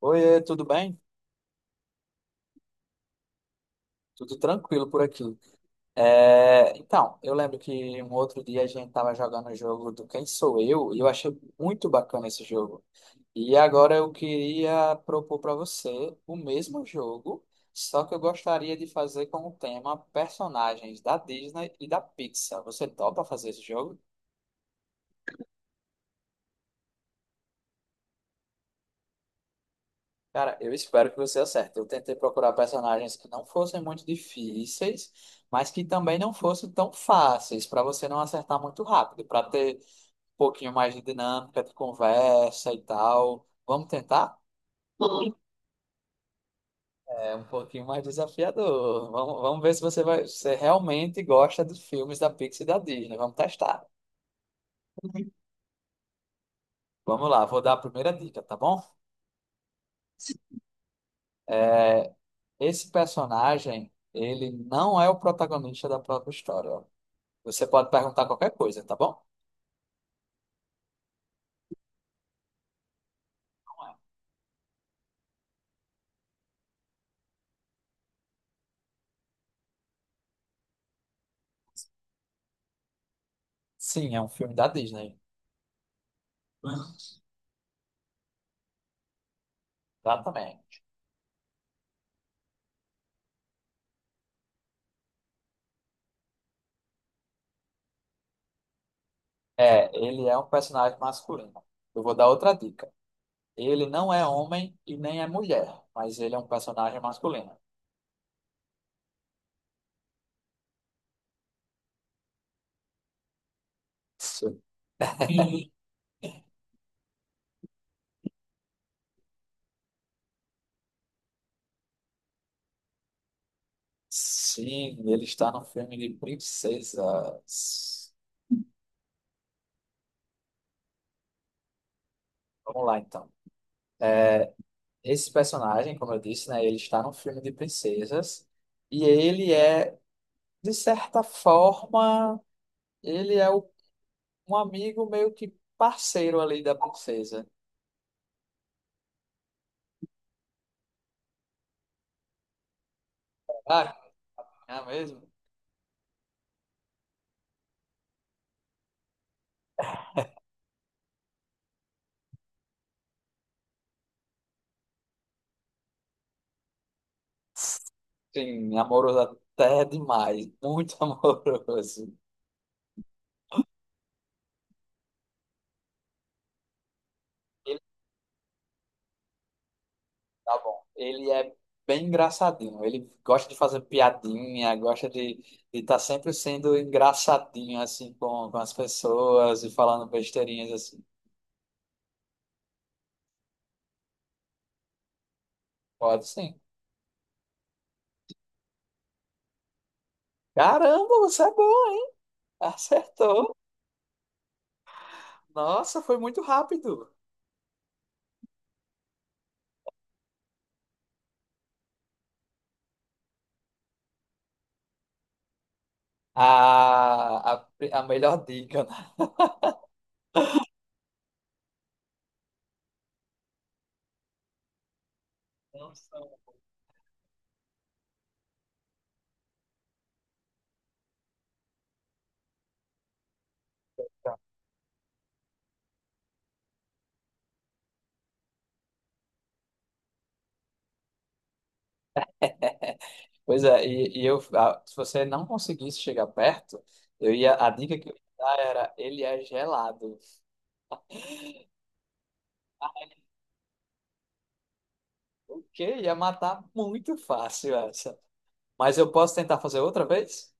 Oi, tudo bem? Tudo tranquilo por aqui. Eu lembro que um outro dia a gente estava jogando o jogo do Quem Sou Eu e eu achei muito bacana esse jogo. E agora eu queria propor para você o mesmo jogo, só que eu gostaria de fazer com o tema personagens da Disney e da Pixar. Você topa fazer esse jogo? Cara, eu espero que você acerte. Eu tentei procurar personagens que não fossem muito difíceis, mas que também não fossem tão fáceis, para você não acertar muito rápido, para ter um pouquinho mais de dinâmica de conversa e tal. Vamos tentar? É um pouquinho mais desafiador. Vamos ver se você vai, se você realmente gosta dos filmes da Pixar e da Disney. Vamos testar. Vamos lá, vou dar a primeira dica, tá bom? É, esse personagem, ele não é o protagonista da própria história. Você pode perguntar qualquer coisa, tá bom? Sim, é um filme da Disney. Exatamente. É, ele é um personagem masculino. Eu vou dar outra dica. Ele não é homem e nem é mulher, mas ele é um personagem masculino. Sim, Sim, ele está no filme de princesas. Vamos lá, então. Esse personagem, como eu disse, né, ele está no filme de princesas e de certa forma, ele é o um amigo meio que parceiro ali da princesa. Ah, é mesmo? Sim, amoroso até demais, muito amoroso. Ele tá bom. Ele é bem engraçadinho. Ele gosta de fazer piadinha, gosta de estar sempre sendo engraçadinho assim com as pessoas e falando besteirinhas assim. Pode sim. Caramba, você é boa! Acertou! Nossa, foi muito rápido. A, a, a melhor dica, né? Não são. Pois é, e eu, se você não conseguisse chegar perto, a dica que eu ia dar era, ele é gelado. O quê? Ia matar muito fácil essa. Mas eu posso tentar fazer outra vez?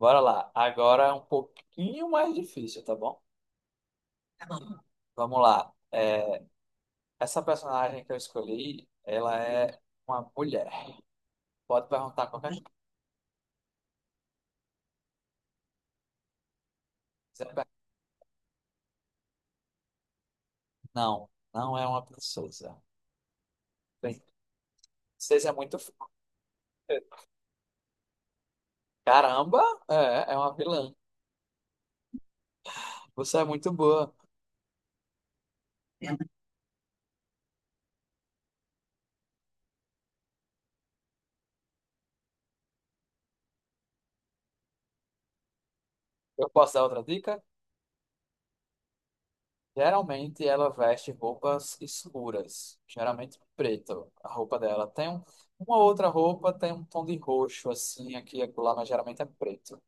Bora lá. Agora é um pouquinho mais difícil, tá bom? Tá Vamos lá. Essa personagem que eu escolhi, ela é uma mulher. Pode perguntar qualquer coisa que quiser. Não, não é uma princesa. Bem, princesa é muito forte. Caramba, é, é uma vilã. Você é muito boa. Eu posso dar outra dica? Geralmente ela veste roupas escuras, geralmente preto. A roupa dela tem um- Uma outra roupa, tem um tom de roxo assim aqui e acolá, mas geralmente é preto.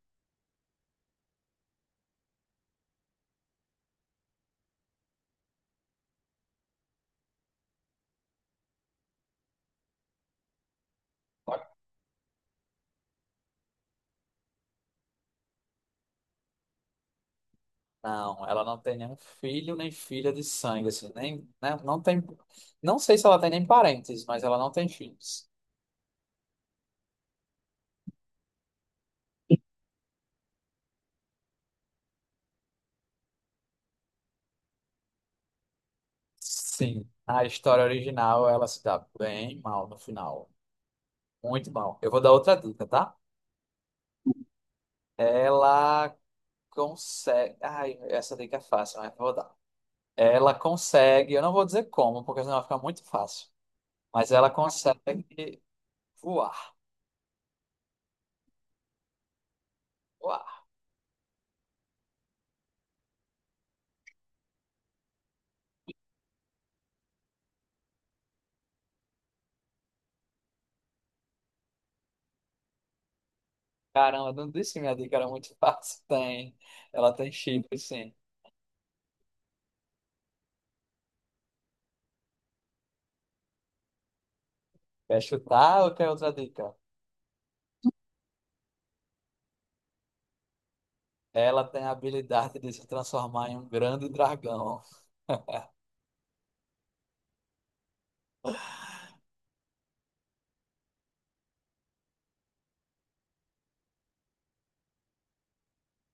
Não, ela não tem nenhum filho nem filha de sangue, assim, nem, né, não tem, não sei se ela tem nem parentes, mas ela não tem filhos. Sim, a história original ela se dá bem mal no final, muito mal. Eu vou dar outra dica, tá? Ela consegue. Ai, essa dica é fácil, mas vou dar. Ela consegue, eu não vou dizer como, porque senão vai ficar muito fácil. Mas ela consegue voar. Voar. Caramba, não disse que minha dica era muito fácil. Tem. Ela tem chifre, sim. Quer chutar ou quer outra dica? Ela tem a habilidade de se transformar em um grande dragão.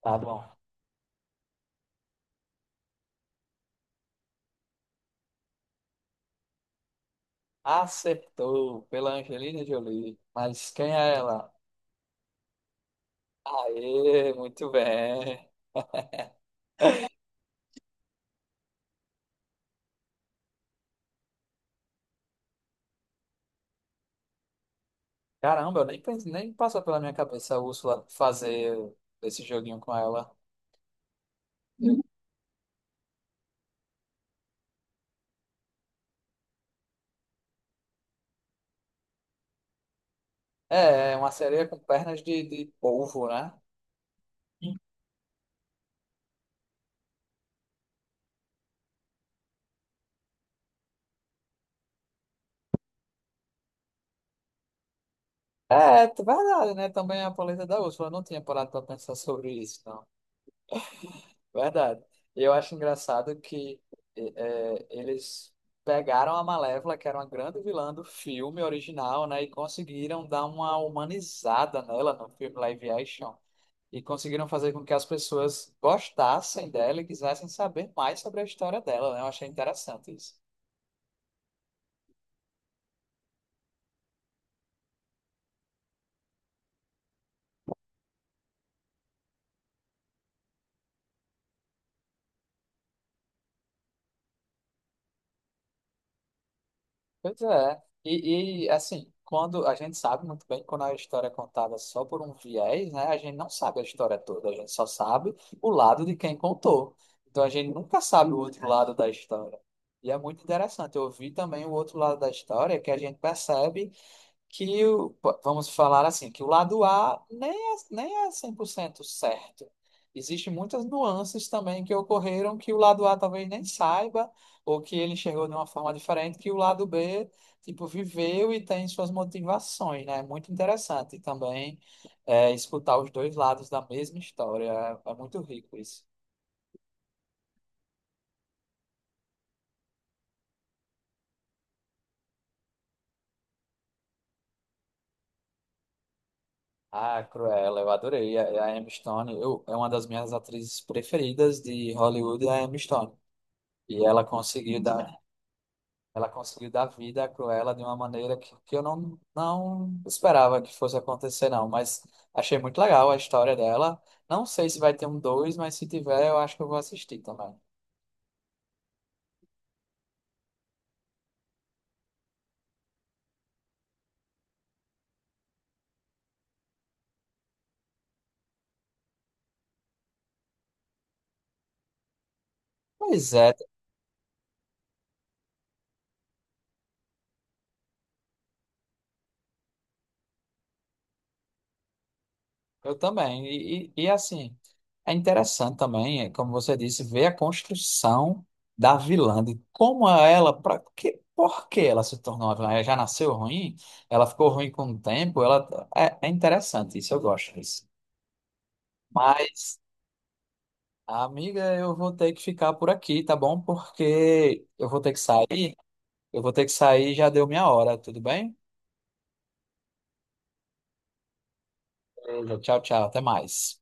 Tá bom. Acertou pela Angelina Jolie. Mas quem é ela? Aê, muito bem. Caramba, eu nem, pens- nem passou pela minha cabeça a Úrsula fazer esse joguinho com ela. Uhum. É, é uma sereia com pernas de polvo, né? É, verdade, né? Também a polenta da Úrsula. Eu não tinha parado para pensar sobre isso, não. Verdade. E eu acho engraçado que eles pegaram a Malévola, que era uma grande vilã do filme original, né? E conseguiram dar uma humanizada nela no filme live action. E conseguiram fazer com que as pessoas gostassem dela e quisessem saber mais sobre a história dela, né? Eu achei interessante isso. Pois é. E assim, quando a gente sabe muito bem quando a história é contada só por um viés, né? A gente não sabe a história toda, a gente só sabe o lado de quem contou. Então a gente nunca sabe o outro lado da história. E é muito interessante. Eu vi também o outro lado da história que a gente percebe que vamos falar assim, que o lado A nem é 100% certo. Existem muitas nuances também que ocorreram que o lado A talvez nem saiba, ou que ele enxergou de uma forma diferente, que o lado B, tipo, viveu e tem suas motivações, né? É muito interessante também escutar os dois lados da mesma história. É, é muito rico isso. Ah, Cruella, eu adorei. A Emma Stone, eu, é uma das minhas atrizes preferidas de Hollywood, é a Emma Stone. E ela conseguiu dar Ela conseguiu dar vida à Cruella de uma maneira que eu não esperava que fosse acontecer, não. Mas achei muito legal a história dela. Não sei se vai ter um dois, mas se tiver, eu acho que eu vou assistir também. Pois é, eu também. E assim, é interessante também, é, como você disse, ver a construção da vilã, de como por que ela se tornou uma vilã? Ela já nasceu ruim? Ela ficou ruim com o tempo? É interessante isso, eu gosto disso. Mas, amiga, eu vou ter que ficar por aqui, tá bom? Porque eu vou ter que sair. Eu vou ter que sair, já deu minha hora, tudo bem? Então, tchau, tchau, até mais.